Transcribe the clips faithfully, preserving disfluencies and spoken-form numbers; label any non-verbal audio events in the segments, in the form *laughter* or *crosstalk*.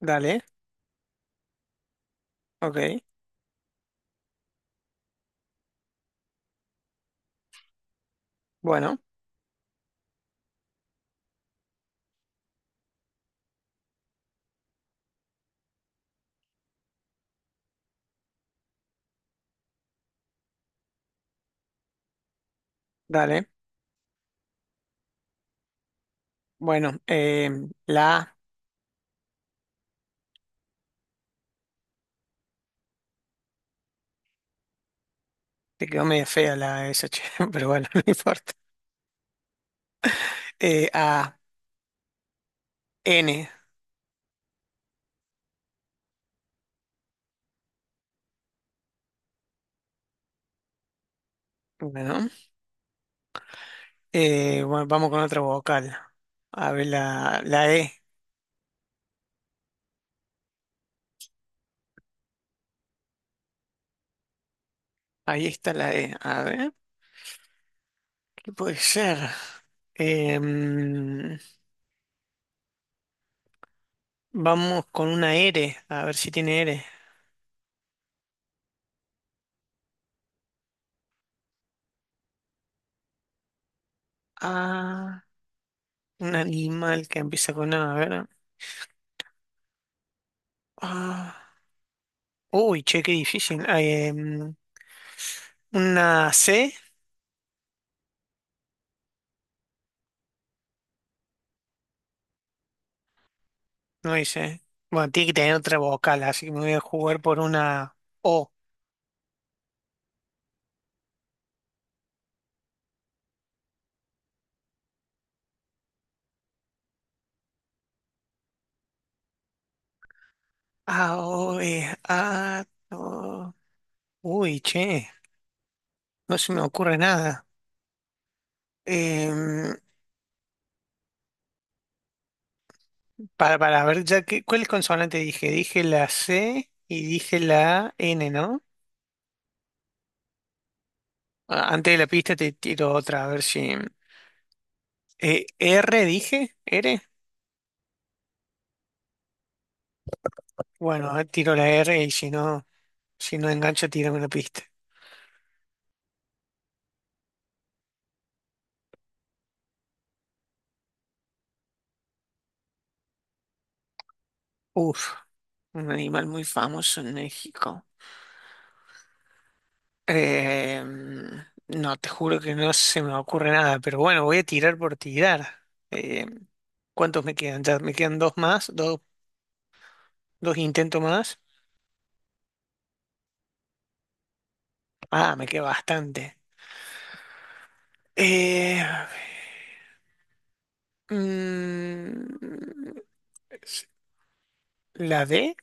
Dale, ok. Bueno, dale. Bueno, eh, la A, te quedó media fea la S, che, *laughs* pero bueno, *laughs* no importa. Eh, A, N. Bueno, eh, bueno, vamos con otra vocal. A ver, la, la E. Ahí está la E. A ver, ¿qué puede ser? Em, vamos con una R, a ver si tiene R. Ah, un animal que empieza con A, a ver. Ah, uy, che, qué difícil. Ah, em, una C. No dice. Bueno, tiene que tener otra vocal, así que me voy a jugar por una O. A, O, E, A, O. Uy, che, no se me ocurre nada. Em, para, para, ver, ya que, ¿cuál consonante dije? Dije la C y dije la N, ¿no? Ah, antes de la pista te tiro otra, a ver si... eh, ¿R dije? ¿R? Bueno, a ver, tiro la R y si no, si no engancho, tírame la pista. Uf, un animal muy famoso en México. Eh, no, te juro que no se me ocurre nada, pero bueno, voy a tirar por tirar. Eh, ¿cuántos me quedan? Ya me quedan dos más, dos, dos intentos más. Ah, me queda bastante. Eh, mm, la D,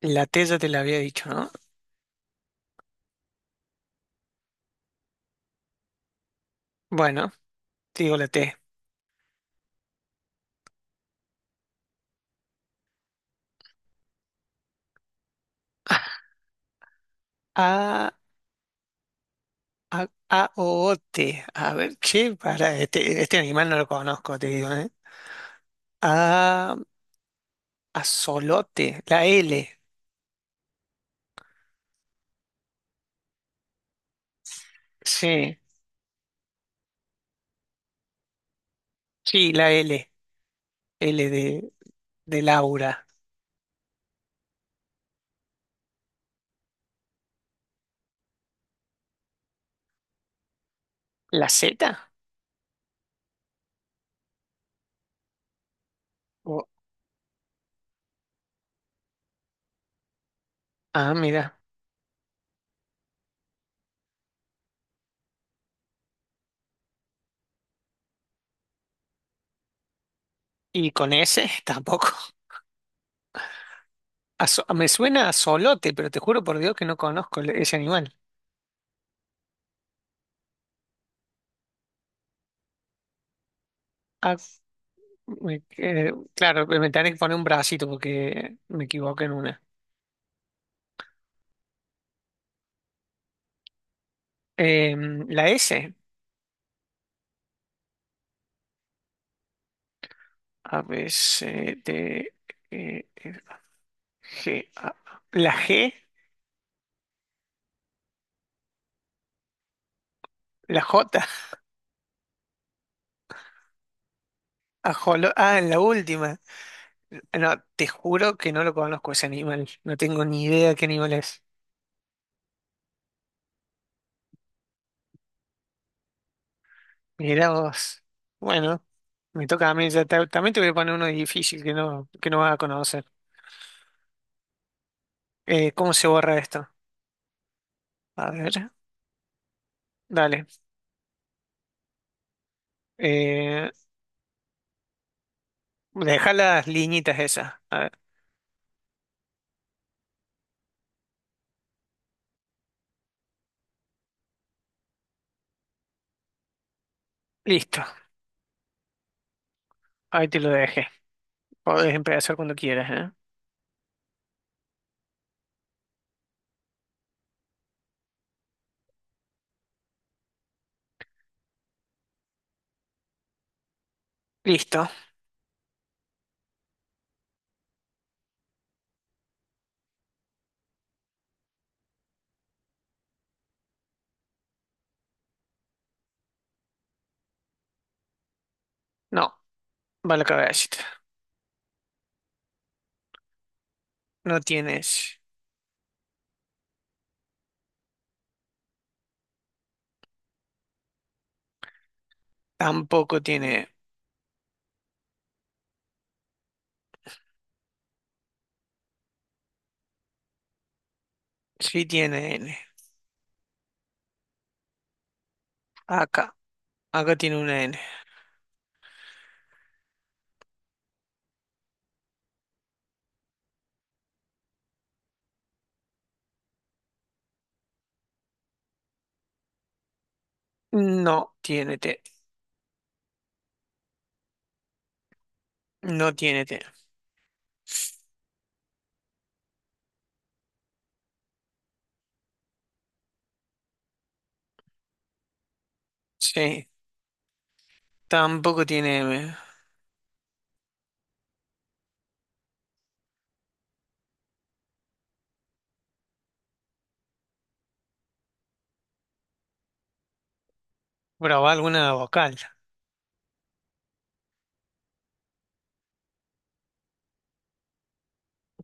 la T ya te la había dicho, ¿no? Bueno, te digo la T. A, A, A, O, O, T. A ver, che, para, este, este animal no lo conozco, te digo, ¿eh? A, azolote, la L. Sí, sí, la L, L de, de Laura. ¿La Z? O- ah, mira. ¿Y con S? *laughs* Tampoco. A so- me suena a solote, pero te juro por Dios que no conozco el- ese animal. Ah, me- eh, claro, me tenés que poner un bracito porque me equivoqué en una. Em, la S. A, B, C, D, E, F, G, A. La G, la J. *laughs* ajolo- ah, en la última. No, te juro que no lo conozco ese animal. No tengo ni idea qué animal es. Mirá vos. Bueno, me toca a mí. Ya te- también te voy a poner uno difícil que no, que no vas a conocer. Eh, ¿cómo se borra esto? A ver, dale. Eh, deja las liñitas esas. A ver, listo. Ahí te lo dejé. Podés empezar cuando quieras, ¿eh? Listo. No, va la cabecita. No tienes. Tampoco tiene. E. Sí tiene N. Acá. Acá tiene una N. No tiene T. No tiene T. Sí, tampoco tiene M. Bravo, alguna vocal.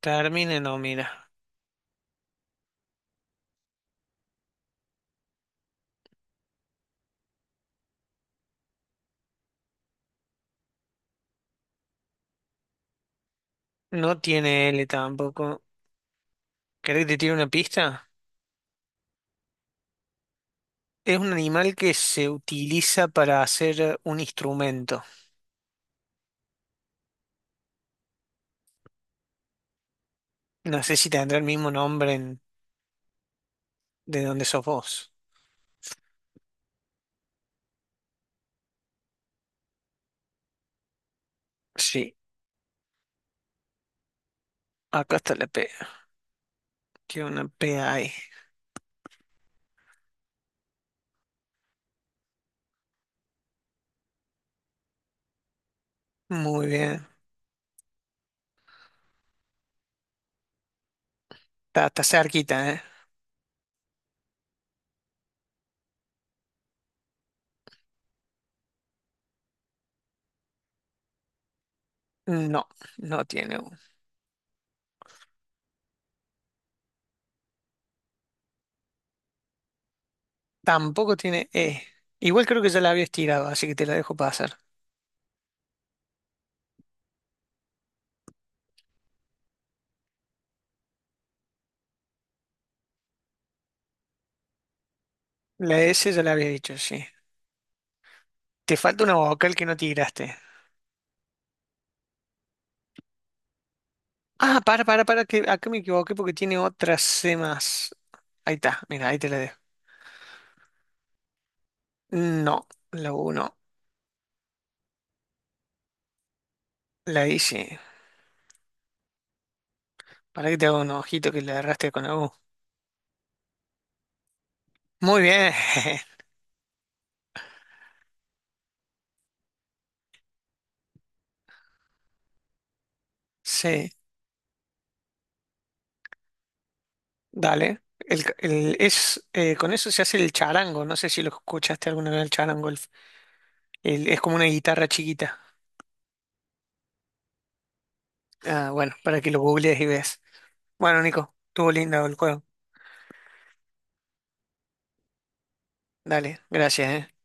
Termine, no, mira. No tiene L tampoco. ¿Querés que te tire una pista? Es un animal que se utiliza para hacer un instrumento. No sé si tendrá el mismo nombre en- de donde sos vos. Sí, acá está la P. Tiene una P ahí. Muy bien. Está, está cerquita, ¿eh? No, no tiene U. Tampoco tiene E. Igual creo que ya la había estirado, así que te la dejo pasar. La S ya la habías dicho, sí. Te falta una vocal que no tiraste. Ah, para, para, para, que acá me equivoqué porque tiene otras C más. Ahí está, mira, ahí te la dejo. No, la U no. La I sí. Para que te haga un ojito que le agarraste con la U. Muy bien. *laughs* Sí, dale. El, el- es, eh, con eso se hace el charango. No sé si lo escuchaste alguna vez el charango. el- el- es como una guitarra chiquita. Ah, bueno, para que lo googlees y veas. Bueno, Nico, estuvo lindo el juego. Dale, gracias, eh.